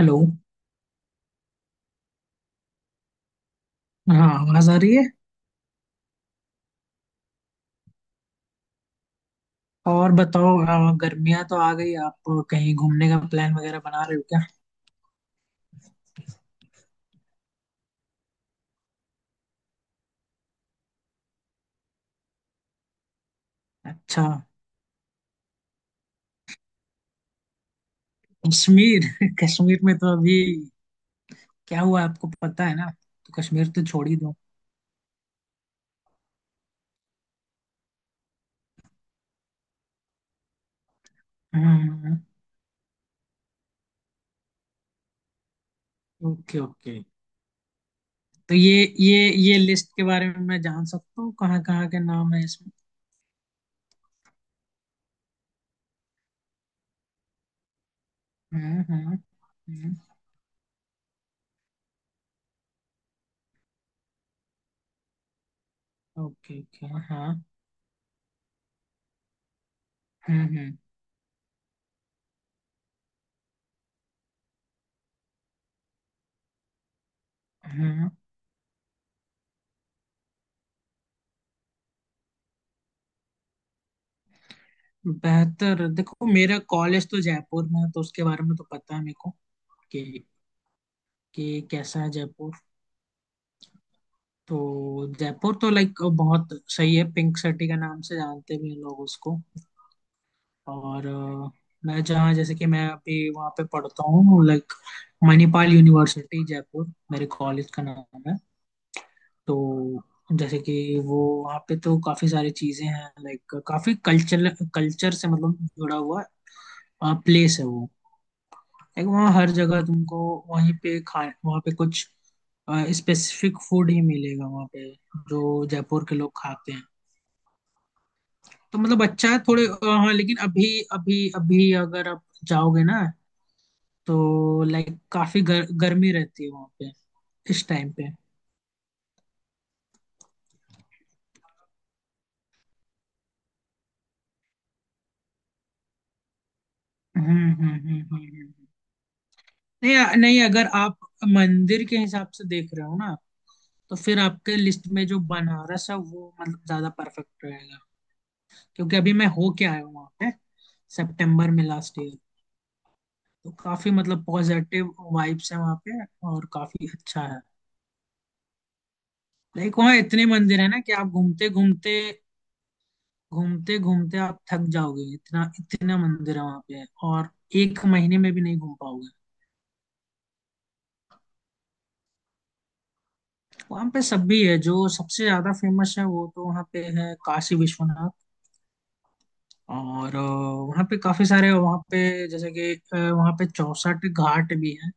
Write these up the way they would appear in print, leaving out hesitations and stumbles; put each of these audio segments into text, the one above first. Hello. हाँ, आवाज आ रही है। और बताओ। गर्मियाँ तो आ गई। आप कहीं घूमने का प्लान वगैरह बना रहे हो क्या? अच्छा, कश्मीर। कश्मीर में तो अभी क्या हुआ आपको पता है ना, तो कश्मीर तो छोड़ ही दो। हम्म। Okay, okay. तो ये लिस्ट के बारे में मैं जान सकता हूँ कहाँ कहाँ के नाम है इसमें? हम्म, हम्म, हम्म। ओके, ओके, हाँ। हम्म, हम्म, हम्म। बेहतर, देखो मेरा कॉलेज तो जयपुर में है तो उसके बारे में तो पता है मेरे को कि कि कैसा है जयपुर। तो जयपुर तो लाइक बहुत सही है, पिंक सिटी के नाम से जानते भी हैं लोग उसको। और मैं जहाँ, जैसे कि मैं अभी वहाँ पे पढ़ता हूँ, लाइक मणिपाल यूनिवर्सिटी जयपुर मेरे कॉलेज का नाम है। तो जैसे कि वो, वहाँ पे तो काफी सारी चीजें हैं लाइक काफी कल्चर, कल्चर से मतलब जुड़ा हुआ प्लेस है वो। एक वहाँ हर जगह तुमको, वहीं पे खाए वहाँ पे कुछ स्पेसिफिक फूड ही मिलेगा वहाँ पे जो जयपुर के लोग खाते हैं। तो मतलब अच्छा है थोड़े। हाँ, लेकिन अभी अभी अभी अगर आप जाओगे ना तो लाइक काफी गर्मी रहती है वहाँ पे इस टाइम पे। हम्म, हम्म, हम्म, नहीं, अगर आप मंदिर के हिसाब से देख रहे हो ना तो फिर आपके लिस्ट में जो बनारस है वो मतलब ज्यादा परफेक्ट रहेगा। क्योंकि अभी मैं होके आया हूँ वहाँ पे, सितंबर में, लास्ट ईयर। तो काफी मतलब पॉजिटिव वाइब्स है वहाँ पे और काफी अच्छा है। लाइक वहाँ इतने मंदिर है ना कि आप घूमते घूमते, घूमते घूमते आप थक जाओगे, इतना इतना मंदिर है वहाँ पे और एक महीने में भी नहीं घूम पाओगे। वहाँ पे सब भी है, जो सबसे ज्यादा फेमस है वो तो वहाँ पे है काशी विश्वनाथ। और वहाँ पे काफी सारे, वहाँ पे जैसे कि वहाँ पे 64 घाट भी है।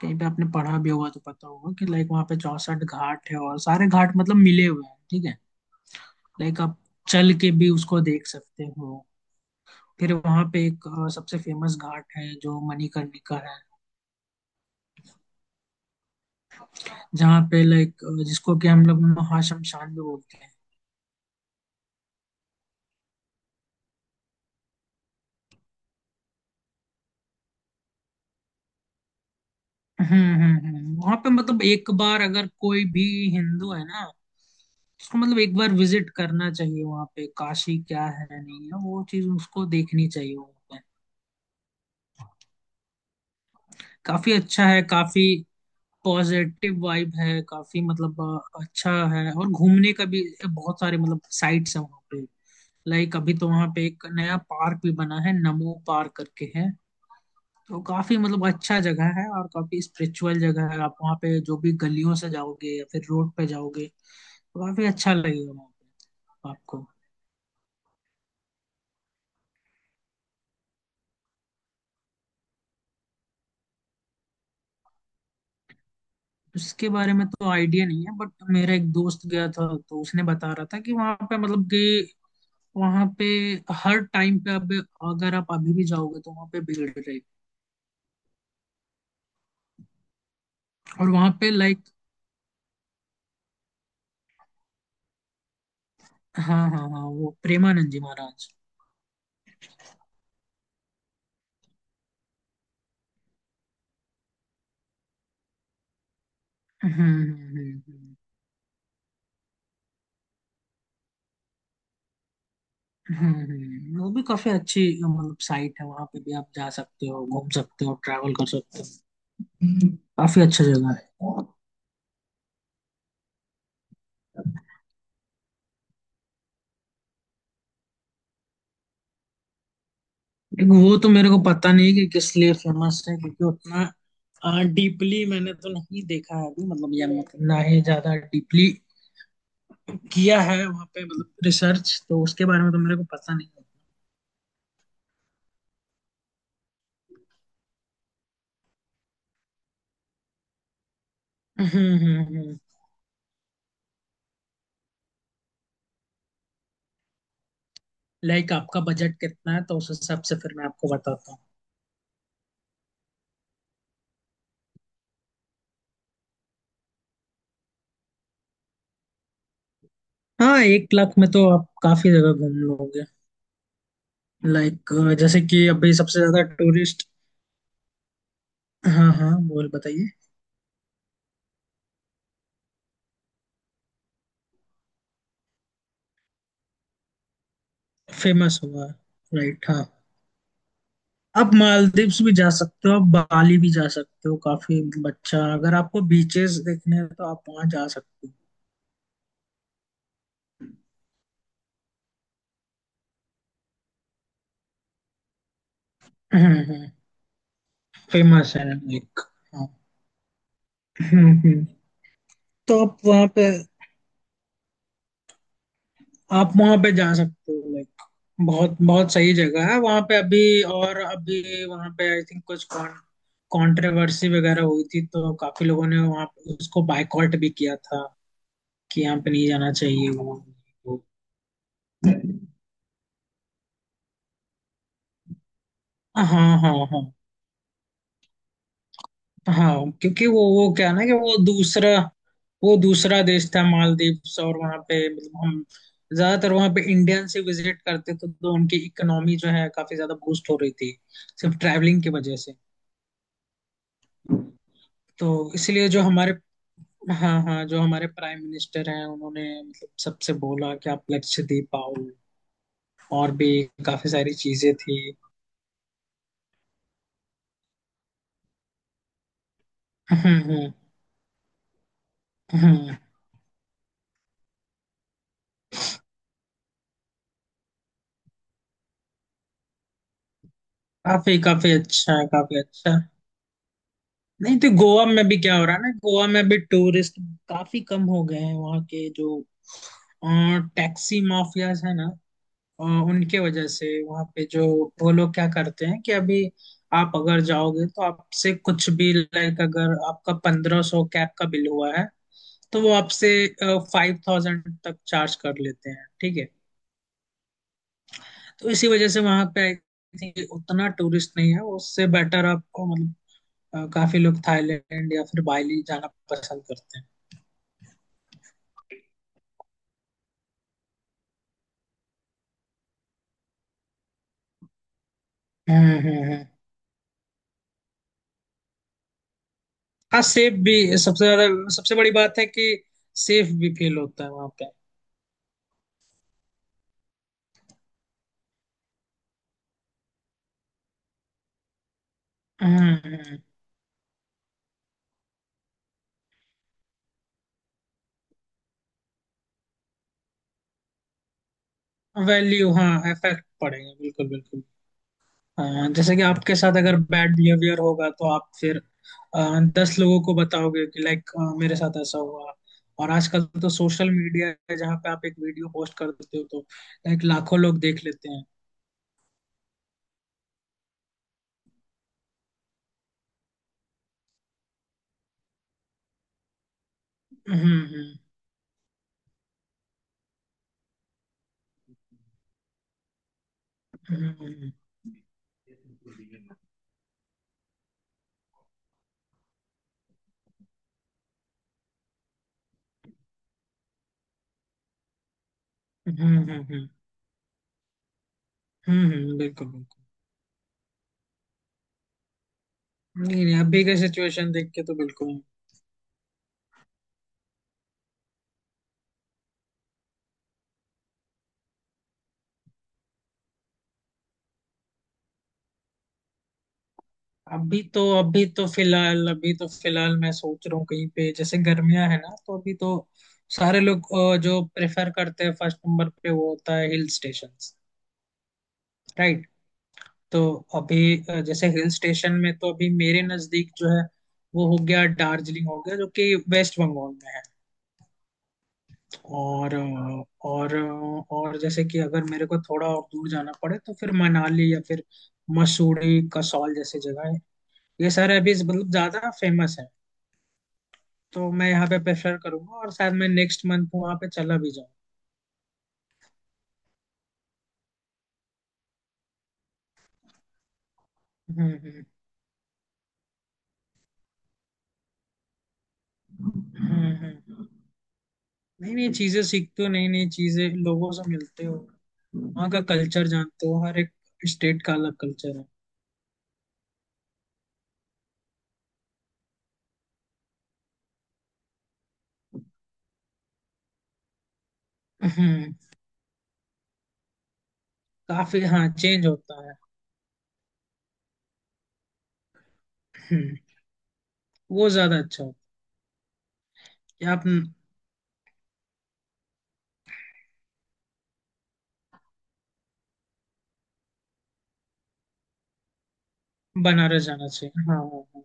कहीं पे आपने पढ़ा भी होगा तो पता होगा कि लाइक वहाँ पे 64 घाट है और सारे घाट मतलब मिले हुए हैं, ठीक है। लाइक आप चल के भी उसको देख सकते हो। फिर वहाँ पे एक सबसे फेमस घाट है जो मणिकर्णिका है, जहाँ पे लाइक, जिसको कि हम लोग महाशमशान भी बोलते हैं। हम्म, हम्म, हम्म। वहाँ पे मतलब एक बार अगर कोई भी हिंदू है ना, उसको मतलब एक बार विजिट करना चाहिए वहाँ पे, काशी क्या है नहीं है वो चीज उसको देखनी चाहिए वहाँ पे। काफी अच्छा है, काफी पॉजिटिव वाइब है, काफी मतलब अच्छा है और घूमने का भी बहुत सारे मतलब साइट्स हैं वहाँ, लाइक अभी तो वहां पे एक नया पार्क भी बना है, नमो पार्क करके है। तो काफी मतलब अच्छा जगह है और काफी स्पिरिचुअल जगह है। आप वहाँ पे जो भी गलियों से जाओगे या फिर रोड पे जाओगे तो काफी अच्छा लगेगा वहाँ पे आपको। उसके बारे में तो आइडिया नहीं है, बट मेरा एक दोस्त गया था तो उसने बता रहा था कि वहाँ पे मतलब कि, वहाँ पे हर टाइम पे, अब अगर आप अभी भी जाओगे तो वहाँ पे भीड़ रहेगी। और वहाँ पे लाइक, हाँ, हाँ, हाँ, वो प्रेमानंद जी महाराज। हम्म, हम्म, हम्म, वो भी काफी अच्छी मतलब साइट है, वहां पे भी आप जा सकते हो, घूम सकते हो, ट्रैवल कर सकते हो। हम्म। काफी अच्छा जगह है। एक वो तो मेरे को पता नहीं कि किस लिए फेमस है, क्योंकि उतना डीपली मैंने तो नहीं देखा है अभी मतलब, या मतलब ना ही ज्यादा डीपली किया है वहाँ पे मतलब रिसर्च, तो उसके बारे में तो मेरे को पता नहीं है। लाइक आपका बजट कितना है तो उस हिसाब से फिर मैं आपको बताता हूँ। हाँ, 1 लाख में तो आप काफी जगह घूम लोगे, लाइक जैसे कि अभी सबसे ज्यादा टूरिस्ट, हाँ हाँ बोल, बताइए। फेमस हुआ, राइट, हाँ। आप मालदीव्स भी जा सकते हो, आप बाली भी जा सकते हो, काफी बच्चा अगर आपको बीचेस देखने हैं तो आप वहाँ जा सकते हो। फेमस है लाइक, हाँ। हम्म, हम्म। तो आप वहाँ पे, आप वहां पे जा सकते हो, लाइक बहुत बहुत सही जगह है वहां पे अभी। और अभी वहां पे आई थिंक कुछ कॉन कंट्रोवर्सी वगैरह हुई थी तो काफी लोगों ने वहां उसको बायकॉट भी किया था कि यहाँ पे नहीं जाना चाहिए वहां। हाँ, हाँ, हाँ। हाँ, क्योंकि वो क्या है ना कि वो दूसरा देश था मालदीव्स और वहाँ पे मतलब हम ज्यादातर वहाँ पे इंडियन से विजिट करते थे तो उनकी इकोनॉमी जो है काफी ज्यादा बूस्ट हो रही थी सिर्फ ट्रैवलिंग की वजह से। तो इसलिए जो हमारे, हाँ हाँ, जो हमारे प्राइम मिनिस्टर हैं उन्होंने मतलब सबसे बोला कि आप लक्ष्य दे पाओ, और भी काफी सारी चीजें थी। हम्म, हम्म, हम्म। काफी, काफी अच्छा है, काफी अच्छा। नहीं तो गोवा में भी क्या हो रहा है ना, गोवा में भी टूरिस्ट काफी कम हो गए हैं, वहाँ के जो टैक्सी माफियाज है ना, उनके वजह से वहाँ पे जो, वो लोग क्या करते हैं कि अभी आप अगर जाओगे तो आपसे कुछ भी, लाइक अगर आपका 1,500 कैब का बिल हुआ है तो वो आपसे 5,000 तक चार्ज कर लेते हैं, ठीक है। तो इसी वजह से वहाँ पे आई थिंक उतना टूरिस्ट नहीं है। उससे बेटर आपको मतलब, काफी लोग थाईलैंड या फिर बाली जाना पसंद करते हैं। हम्म, हम्म, हाँ सेफ भी सबसे ज्यादा, सबसे बड़ी बात है कि सेफ भी फील होता है वहाँ पे। हम्म, वैल्यू, हाँ, इफेक्ट पड़ेगा, बिल्कुल बिल्कुल। हाँ, जैसे कि आपके साथ अगर बैड बिहेवियर होगा तो आप फिर 10 लोगों को बताओगे कि लाइक मेरे साथ ऐसा हुआ। और आजकल तो सोशल मीडिया है जहाँ पे आप एक वीडियो पोस्ट कर देते हो तो लाइक लाखों लोग देख लेते हैं। हम्म, हम्म, हम्म, हम्म, हम्म, हम्म, बिल्कुल बिल्कुल। नहीं नहीं, अभी का सिचुएशन देख के तो बिल्कुल। अभी तो फिलहाल मैं सोच रहा हूँ कहीं पे, जैसे गर्मियां है ना, तो अभी तो सारे लोग जो प्रेफर करते हैं फर्स्ट नंबर पे वो होता है हिल स्टेशन, राइट। तो अभी जैसे हिल स्टेशन में तो अभी मेरे नजदीक जो है, वो हो गया दार्जिलिंग, हो गया जो कि वेस्ट बंगाल में है। और और जैसे कि अगर मेरे को थोड़ा और दूर जाना पड़े तो फिर मनाली या फिर मसूरी, कसौल जैसी जगह है, ये सारे अभी मतलब ज्यादा फेमस है, तो मैं यहाँ पे प्रेफर करूंगा और शायद मैं नेक्स्ट मंथ वहां पे चला भी जाऊँ। हम्म, हम्म, हम्म, नई नई चीजें सीखते हो, नई नई चीजें लोगों से मिलते हो, वहाँ का कल्चर जानते हो, हर एक स्टेट का अलग कल्चर है। हम्म। काफी, हाँ, चेंज होता है। हम्म। वो ज्यादा अच्छा होता है कि आप बनारस जाना चाहिए, हाँ, हाँ, हाँ।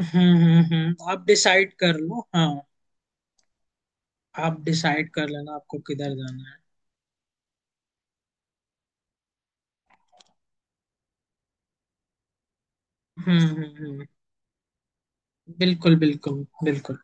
हम्म, हम्म, हम्म, आप डिसाइड कर लो, हाँ, आप डिसाइड कर लेना आपको किधर जाना है। हम्म, हम्म, हम्म, बिल्कुल बिल्कुल बिल्कुल।